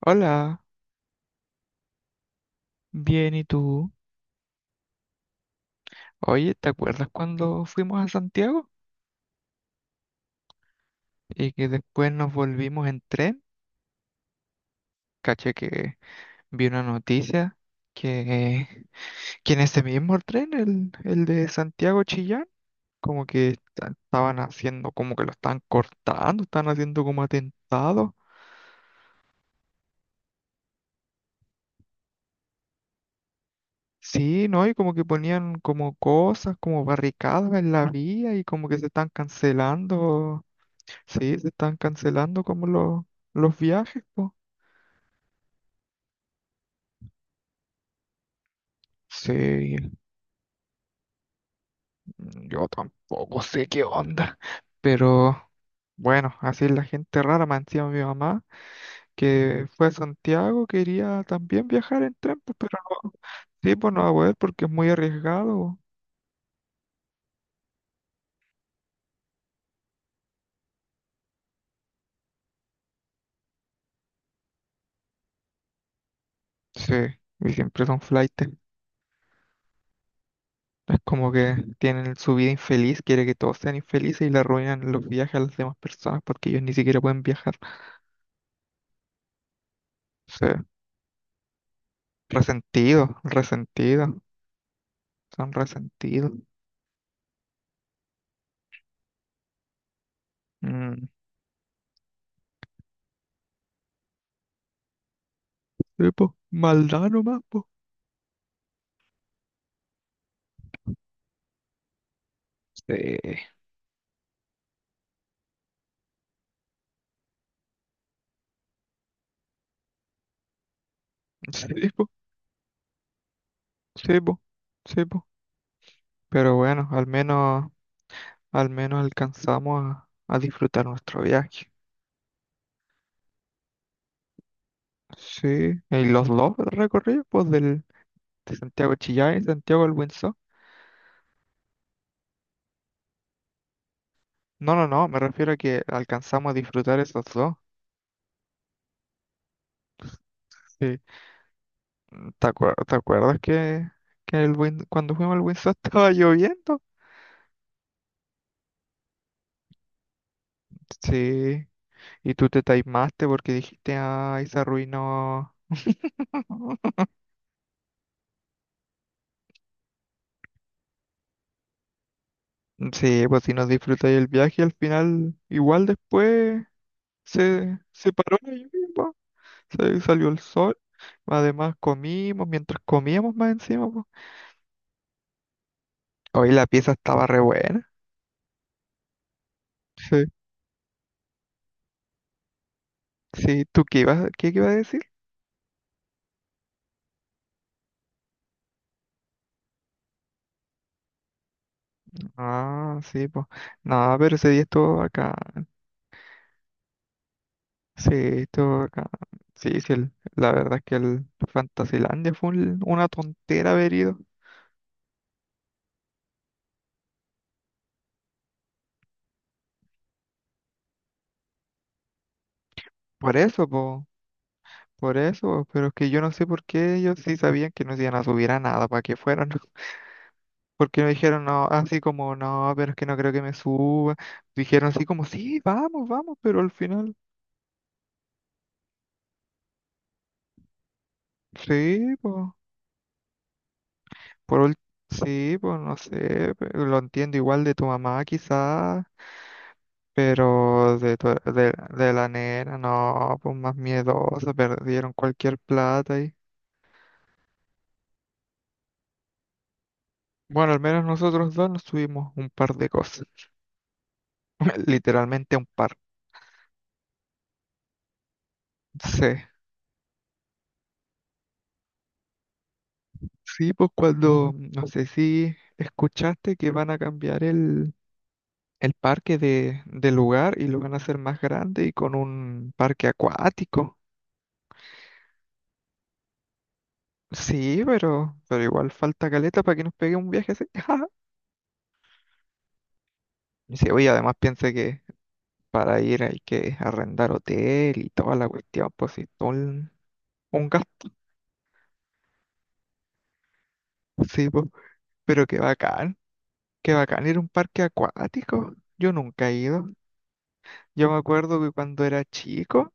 Hola, bien, ¿y tú? Oye, ¿te acuerdas cuando fuimos a Santiago? Y que después nos volvimos en tren. Caché que vi una noticia que, que en ese mismo tren, el de Santiago Chillán, como que estaban haciendo, como que lo están cortando, están haciendo como atentados. Sí, ¿no? Y como que ponían como cosas, como barricadas en la vía y como que se están cancelando, sí, se están cancelando como los viajes, po. Sí, yo tampoco sé qué onda, pero bueno, así es la gente rara, me encima mi mamá, que fue a Santiago, quería también viajar en tren, pues, pero no, sí, pues no va a poder porque es muy arriesgado. Sí, y siempre son flaites. Es como que tienen su vida infeliz, quiere que todos sean infelices y le arruinan los viajes a las demás personas porque ellos ni siquiera pueden viajar. Sí, resentido, resentido, son resentidos. Mm. Sí, pues, maldad nomás, po. Sí, sí, po, sí, po, sí, po. Pero bueno, al menos alcanzamos a disfrutar nuestro viaje. Sí, y los dos recorridos, pues, del, de Santiago de Chillán y Santiago del Windsor. No, no, no, me refiero a que alcanzamos a disfrutar esos dos. Sí. ¿Te acuerdas que el cuando fuimos al Windsor estaba lloviendo? Sí, y tú te taimaste porque dijiste, ay, se arruinó. Sí, pues si nos disfrutáis el viaje al final, igual después se paró la lluvia, po. Salió el sol, además comimos, mientras comíamos más encima, po. Hoy la pieza estaba re buena. Sí, sí, ¿tú qué ibas a decir? Ah, sí, pues. No, pero ese día estuvo acá. Sí, estuvo acá. Sí, sí, la verdad es que el Fantasilandia fue una tontera haber ido. Por eso, pues. Por eso, pero es que yo no sé por qué ellos sí sabían que no se iban a subir a nada para que fueran. Porque me dijeron, no, así como, no, pero es que no creo que me suba. Dijeron así como, sí, vamos, vamos, pero al final, sí, pues, por ul- sí, pues, no sé, lo entiendo igual de tu mamá quizás, pero de la nena, no, pues más miedosa, perdieron cualquier plata y... Bueno, al menos nosotros dos nos subimos un par de cosas, literalmente un par, sí. Sí, pues cuando, no sé si escuchaste que van a cambiar el parque de lugar y lo van a hacer más grande y con un parque acuático. Sí, pero igual falta caleta para que nos pegue un viaje así. Y sí, oye, además piensa que para ir hay que arrendar hotel y toda la cuestión, pues sí, todo un gasto. Sí, pues, pero qué bacán ir a un parque acuático. Yo nunca he ido. Yo me acuerdo que cuando era chico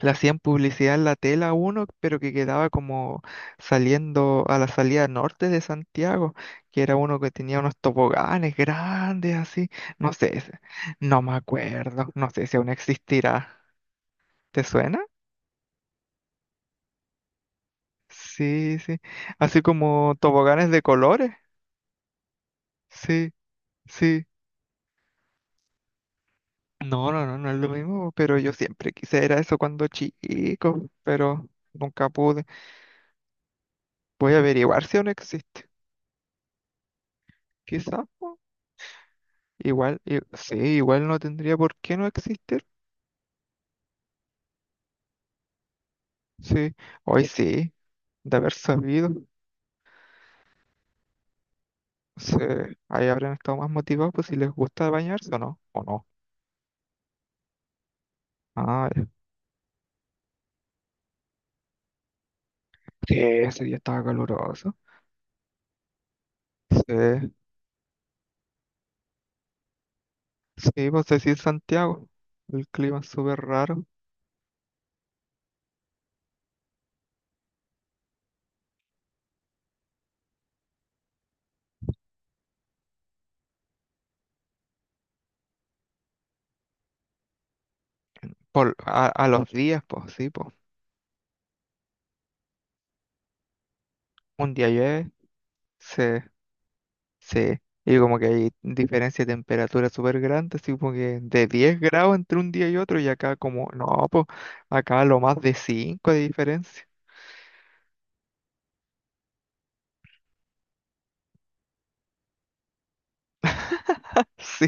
le hacían publicidad en la tela a uno, pero que quedaba como saliendo a la salida norte de Santiago, que era uno que tenía unos toboganes grandes así. No sé, no me acuerdo, no sé si aún existirá. ¿Te suena? Sí, sí. Así como toboganes de colores. Sí, sí. No, no, no, no es lo mismo, pero yo siempre quise era eso cuando chico, pero nunca pude. Voy a averiguar si aún existe. Quizás. Igual, sí, igual no tendría por qué no existir. Sí, hoy sí, de haber sabido, sí, ahí habrían estado más motivados, pues si les gusta bañarse o no, o no. Ah, ya, sí, ese día estaba caluroso. Sí, sí, pues sí, Santiago, el clima es súper raro. Por, a los días, pues sí, pues. Un día llueve, sí. Sí, y como que hay diferencia de temperatura súper grande, así como que de 10 grados entre un día y otro, y acá como, no, pues acá lo más de cinco de diferencia. Sí,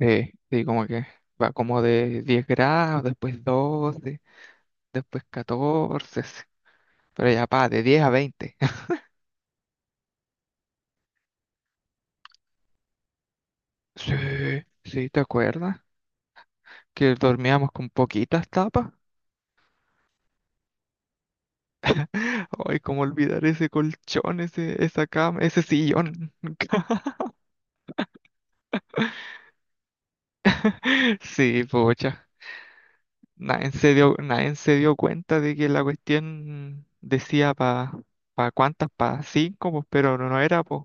sí, como que va como de 10 grados, después 12 después 14 sí. Pero ya pa, de 10 a 20. Sí, sí, ¿te acuerdas? Que dormíamos con poquitas tapas. Ay, cómo olvidar ese colchón, ese, esa cama, ese sillón. Sí, pocha. Nadie se dio, nadie se dio cuenta de que la cuestión decía para pa pa cuántas, para cinco, pues, pero no, no era, pues,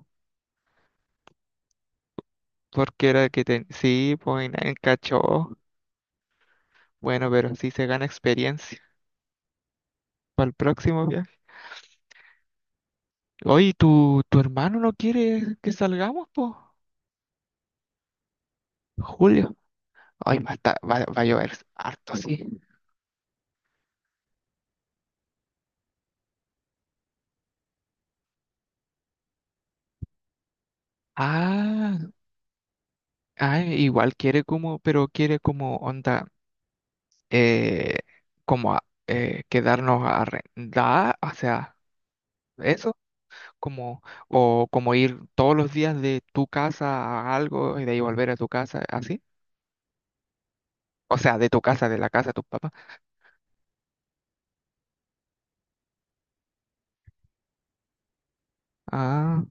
porque era que sí, pues, y nadie cachó. Bueno, pero sí se gana experiencia para el próximo viaje. Oye, ¿tu hermano no quiere que salgamos, pues? Julio. Ay, va a va a llover harto, sí. Ah, ah, igual quiere como, pero quiere como onda, eh, como quedarnos a arrendar, o sea, eso, como, o como ir todos los días de tu casa a algo y de ahí volver a tu casa, así. O sea, de tu casa, de la casa de tus papás. Ah,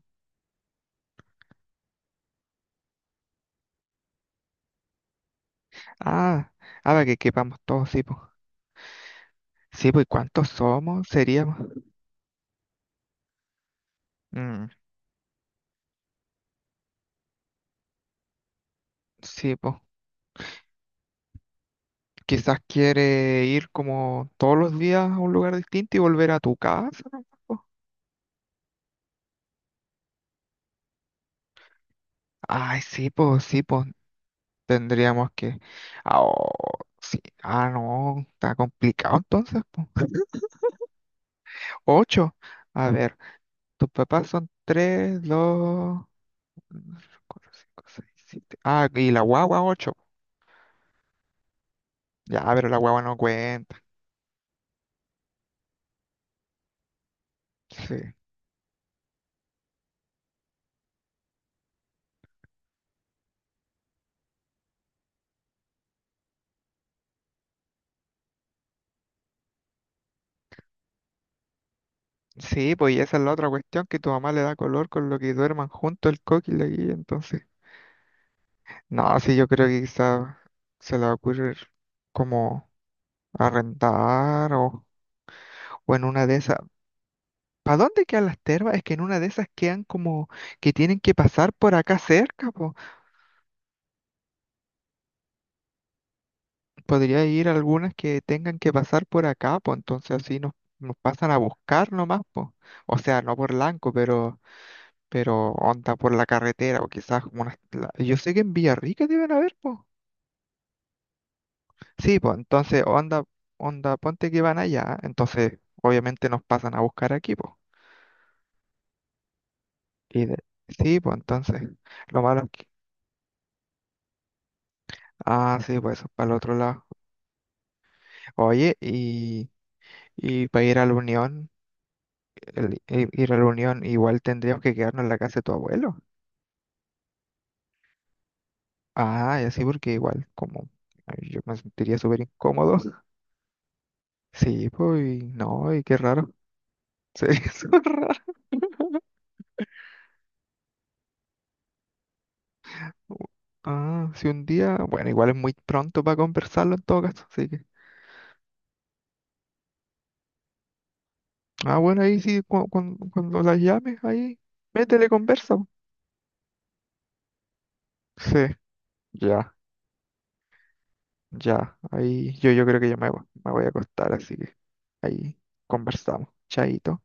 ah, ahora que quepamos todos, sí, pues. Sí, pues, ¿cuántos somos? Seríamos. Mm, sí, pues. Quizás quiere ir como todos los días a un lugar distinto y volver a tu casa, ¿no? po. Ay, sí, pues, sí, pues. Tendríamos que... Ah, oh, sí. Ah, no, está complicado entonces. Po. Ocho. A ver, tus papás son tres, dos, cuatro, cinco, seis, siete. Ah, y la guagua ocho. Ya, pero la guagua no cuenta. Sí. Sí, pues y esa es la otra cuestión, que tu mamá le da color con lo que duerman junto el coqui y la guilla, entonces. No, sí, yo creo que quizás se le va a ocurrir como arrendar o en una de esas ¿para dónde quedan las termas? Es que en una de esas quedan como que tienen que pasar por acá cerca, po. Podría ir algunas que tengan que pasar por acá, pues entonces así nos, pasan a buscar nomás, pues. O sea, no por Lanco, pero onda por la carretera, o quizás como unas... yo sé que en Villarrica deben haber, pues. Sí, pues entonces onda, ponte que van allá, entonces obviamente nos pasan a buscar aquí, pues. Y de- sí, pues entonces, lo malo es que... Ah, sí, pues eso es para el otro lado. Oye, y... Y para ir a la unión, ir a la unión, igual tendríamos que quedarnos en la casa de tu abuelo. Ah, y así porque igual, como ay, yo me sentiría súper incómodo. Sí, pues, y no, y qué raro. Sería súper raro. Ah, si un día, bueno, igual es muy pronto para conversarlo en todo caso, así que. Ah, bueno, ahí sí, cuando, las llames, ahí, métele conversa. Po. Sí, ya, ya, ahí yo creo que ya me, me voy a acostar, así que ahí conversamos. Chaito.